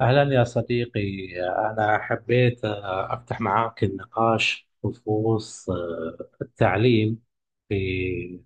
أهلا يا صديقي. أنا حبيت أفتح معاك النقاش بخصوص التعليم في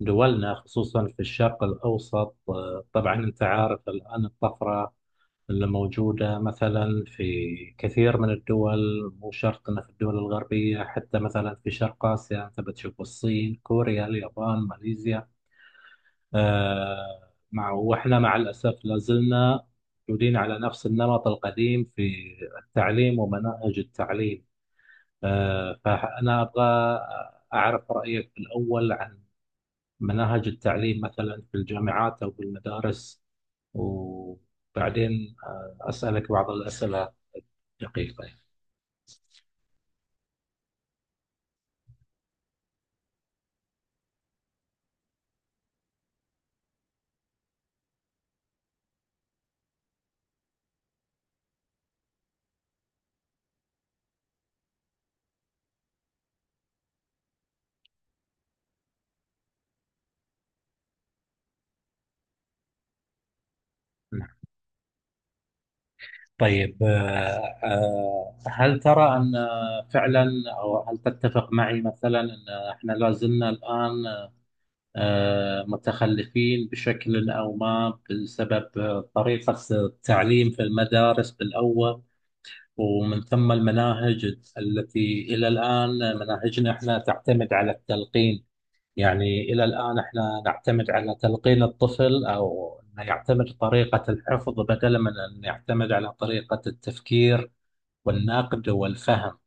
دولنا، خصوصا في الشرق الأوسط. طبعا أنت عارف الآن الطفرة اللي موجودة مثلا في كثير من الدول، مو شرط أنها في الدول الغربية، حتى مثلا في شرق آسيا أنت بتشوف الصين، كوريا، اليابان، ماليزيا. مع وإحنا مع الأسف لازلنا موجودين على نفس النمط القديم في التعليم ومناهج التعليم. فأنا أبغى أعرف رأيك الأول عن مناهج التعليم مثلا في الجامعات أو في المدارس، وبعدين أسألك بعض الأسئلة. دقيقة. نعم. طيب، هل ترى أن فعلا، أو هل تتفق معي مثلا أن احنا لازلنا الآن متخلفين بشكل أو ما، بسبب طريقة التعليم في المدارس بالأول، ومن ثم المناهج التي إلى الآن مناهجنا، إحنا تعتمد على التلقين؟ يعني إلى الآن إحنا نعتمد على تلقين الطفل، أو إنه يعتمد طريقة الحفظ بدلا من أن يعتمد على طريقة التفكير والنقد والفهم.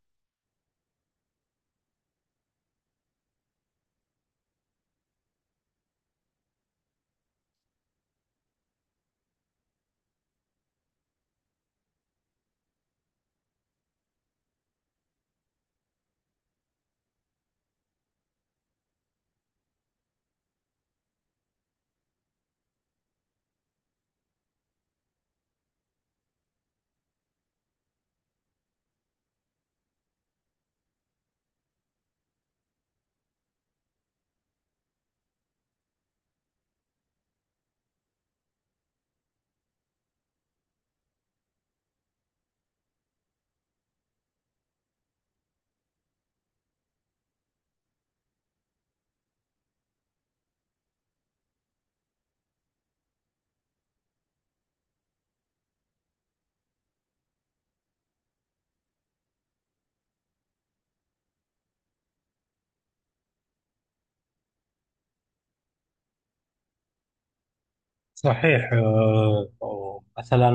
صحيح. مثلا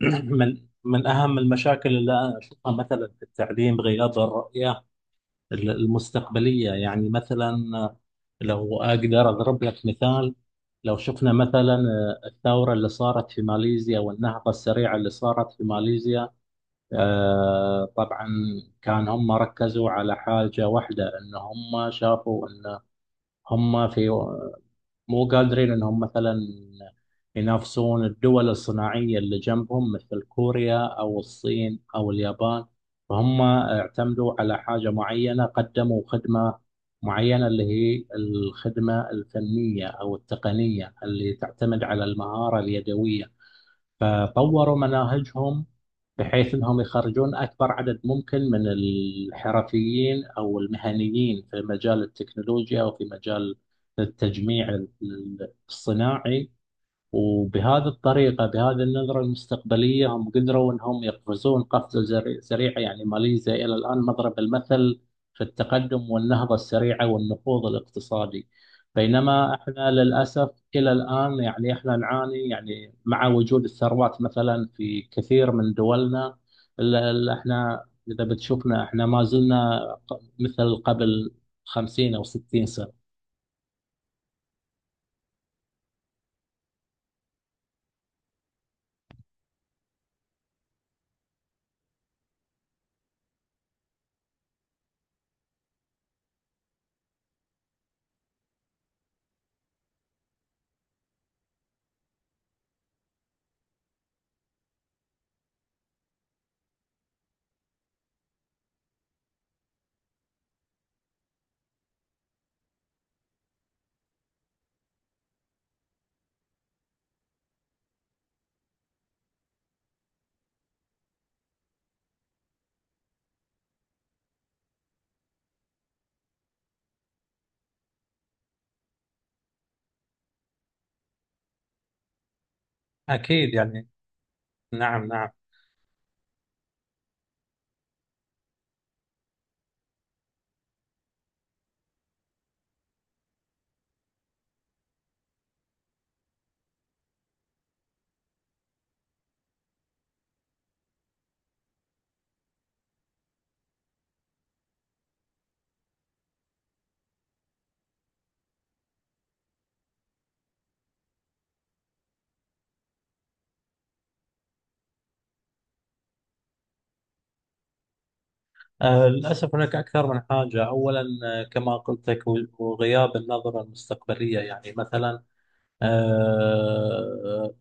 من أهم المشاكل اللي أنا أشوفها مثلا في التعليم غياب الرؤية المستقبلية. يعني مثلا، لو أقدر أضرب لك مثال، لو شفنا مثلا الثورة اللي صارت في ماليزيا والنهضة السريعة اللي صارت في ماليزيا. طبعا كان هم ركزوا على حاجة واحدة، إن هم شافوا إن هم في مو قادرين انهم مثلا ينافسون الدول الصناعية اللي جنبهم مثل كوريا او الصين او اليابان. فهم اعتمدوا على حاجة معينة، قدموا خدمة معينة اللي هي الخدمة الفنية او التقنية اللي تعتمد على المهارة اليدوية. فطوروا مناهجهم بحيث انهم يخرجون اكبر عدد ممكن من الحرفيين او المهنيين في مجال التكنولوجيا وفي مجال التجميع الصناعي. وبهذه الطريقة، بهذه النظرة المستقبلية، هم قدروا أنهم يقفزون قفزة سريعة. يعني ماليزيا إلى الآن مضرب المثل في التقدم والنهضة السريعة والنهوض الاقتصادي. بينما إحنا للأسف إلى الآن يعني إحنا نعاني، يعني مع وجود الثروات مثلا في كثير من دولنا، إلا إحنا إذا بتشوفنا إحنا ما زلنا مثل قبل 50 أو 60 سنة. أكيد يعني. نعم، نعم. للأسف هناك أكثر من حاجة. أولا، كما قلت لك، وغياب النظرة المستقبلية. يعني مثلا، آه،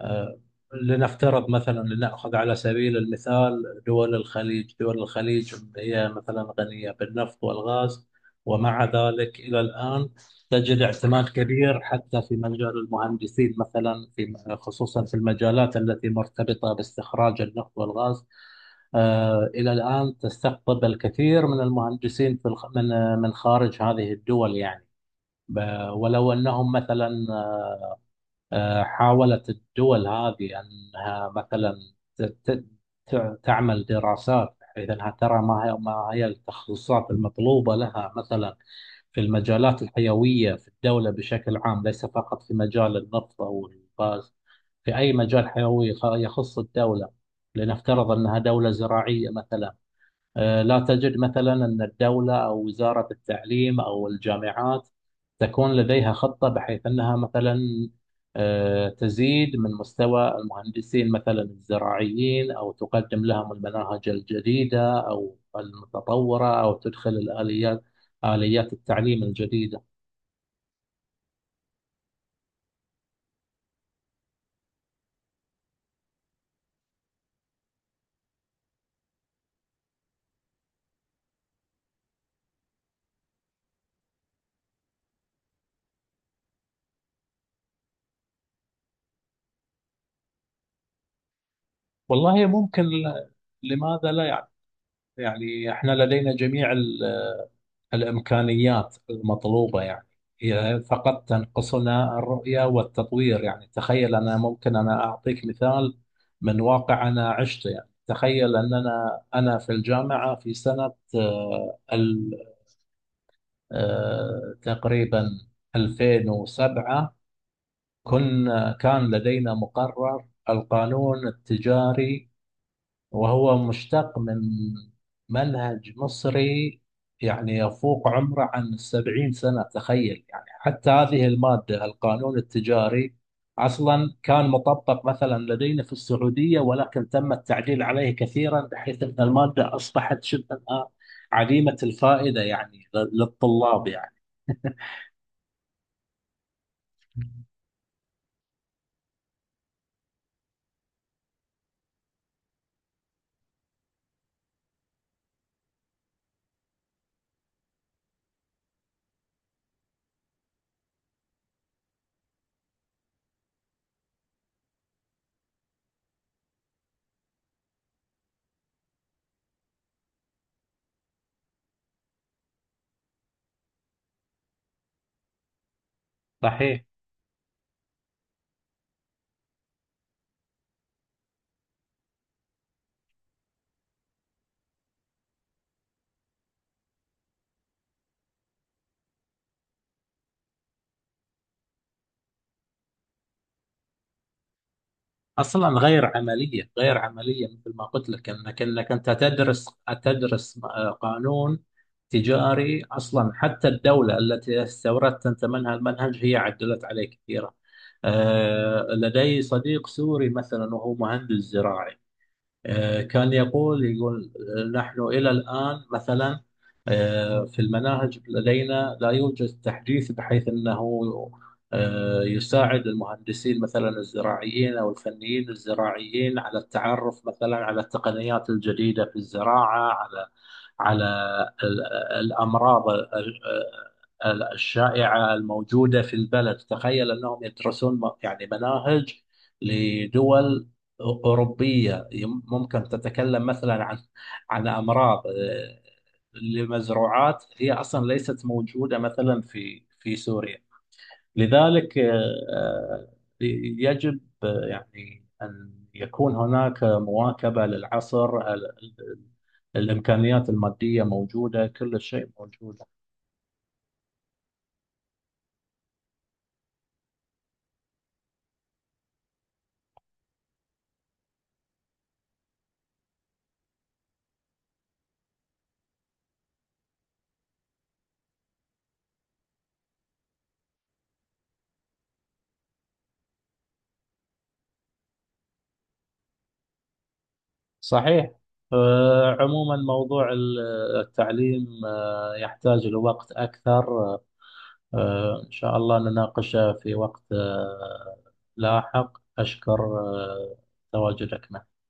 آه، لنفترض مثلا، لنأخذ على سبيل المثال دول الخليج. دول الخليج هي مثلا غنية بالنفط والغاز، ومع ذلك إلى الآن تجد اعتماد كبير حتى في مجال المهندسين، مثلا في، خصوصا في المجالات التي مرتبطة باستخراج النفط والغاز. إلى الآن تستقطب الكثير من المهندسين في من من خارج هذه الدول. يعني ولو أنهم مثلا حاولت الدول هذه أنها مثلا ت... ت... تعمل دراسات بحيث أنها ترى ما هي التخصصات المطلوبة لها مثلا في المجالات الحيوية في الدولة بشكل عام، ليس فقط في مجال النفط أو الغاز، في أي مجال حيوي يخص الدولة. لنفترض أنها دولة زراعية مثلا، لا تجد مثلا أن الدولة أو وزارة التعليم أو الجامعات تكون لديها خطة بحيث أنها مثلا تزيد من مستوى المهندسين مثلا الزراعيين، أو تقدم لهم المناهج الجديدة أو المتطورة، أو تدخل الآليات، آليات التعليم الجديدة. والله ممكن. لماذا لا؟ يعني، يعني احنا لدينا جميع الإمكانيات المطلوبة. يعني هي فقط تنقصنا الرؤية والتطوير. يعني تخيل، أنا ممكن أنا أعطيك مثال من واقع أنا عشته. يعني تخيل أن أنا في الجامعة في سنة تقريبا 2007 كنا، كان لدينا مقرر القانون التجاري، وهو مشتق من منهج مصري يعني يفوق عمره عن 70 سنة. تخيل يعني! حتى هذه المادة، القانون التجاري، أصلا كان مطبق مثلا لدينا في السعودية، ولكن تم التعديل عليه كثيرا بحيث أن المادة أصبحت شبه الآن عديمة الفائدة يعني للطلاب يعني. صحيح. اصلا غير عمليه، غير عمليه. مثل ما قلت لك، انك انت تدرس، تدرس قانون تجاري، اصلا حتى الدوله التي استوردت انت منها المنهج هي عدلت عليه كثيرا. لدي صديق سوري مثلا وهو مهندس زراعي. كان يقول نحن إلى الآن مثلا في المناهج لدينا لا يوجد تحديث بحيث أنه يساعد المهندسين مثلا الزراعيين أو الفنيين الزراعيين على التعرف مثلا على التقنيات الجديدة في الزراعة، على ال- الأمراض الشائعة الموجودة في البلد. تخيل أنهم يدرسون يعني مناهج لدول أوروبية ممكن تتكلم مثلا عن عن أمراض، لمزروعات هي أصلا ليست موجودة مثلا في سوريا. لذلك آه، يجب يعني أن يكون هناك مواكبة للعصر. ال- الإمكانيات المادية موجودة، كل شيء موجود. صحيح. عموما موضوع التعليم يحتاج لوقت أكثر. إن شاء الله نناقشه في وقت لاحق. أشكر تواجدك معي.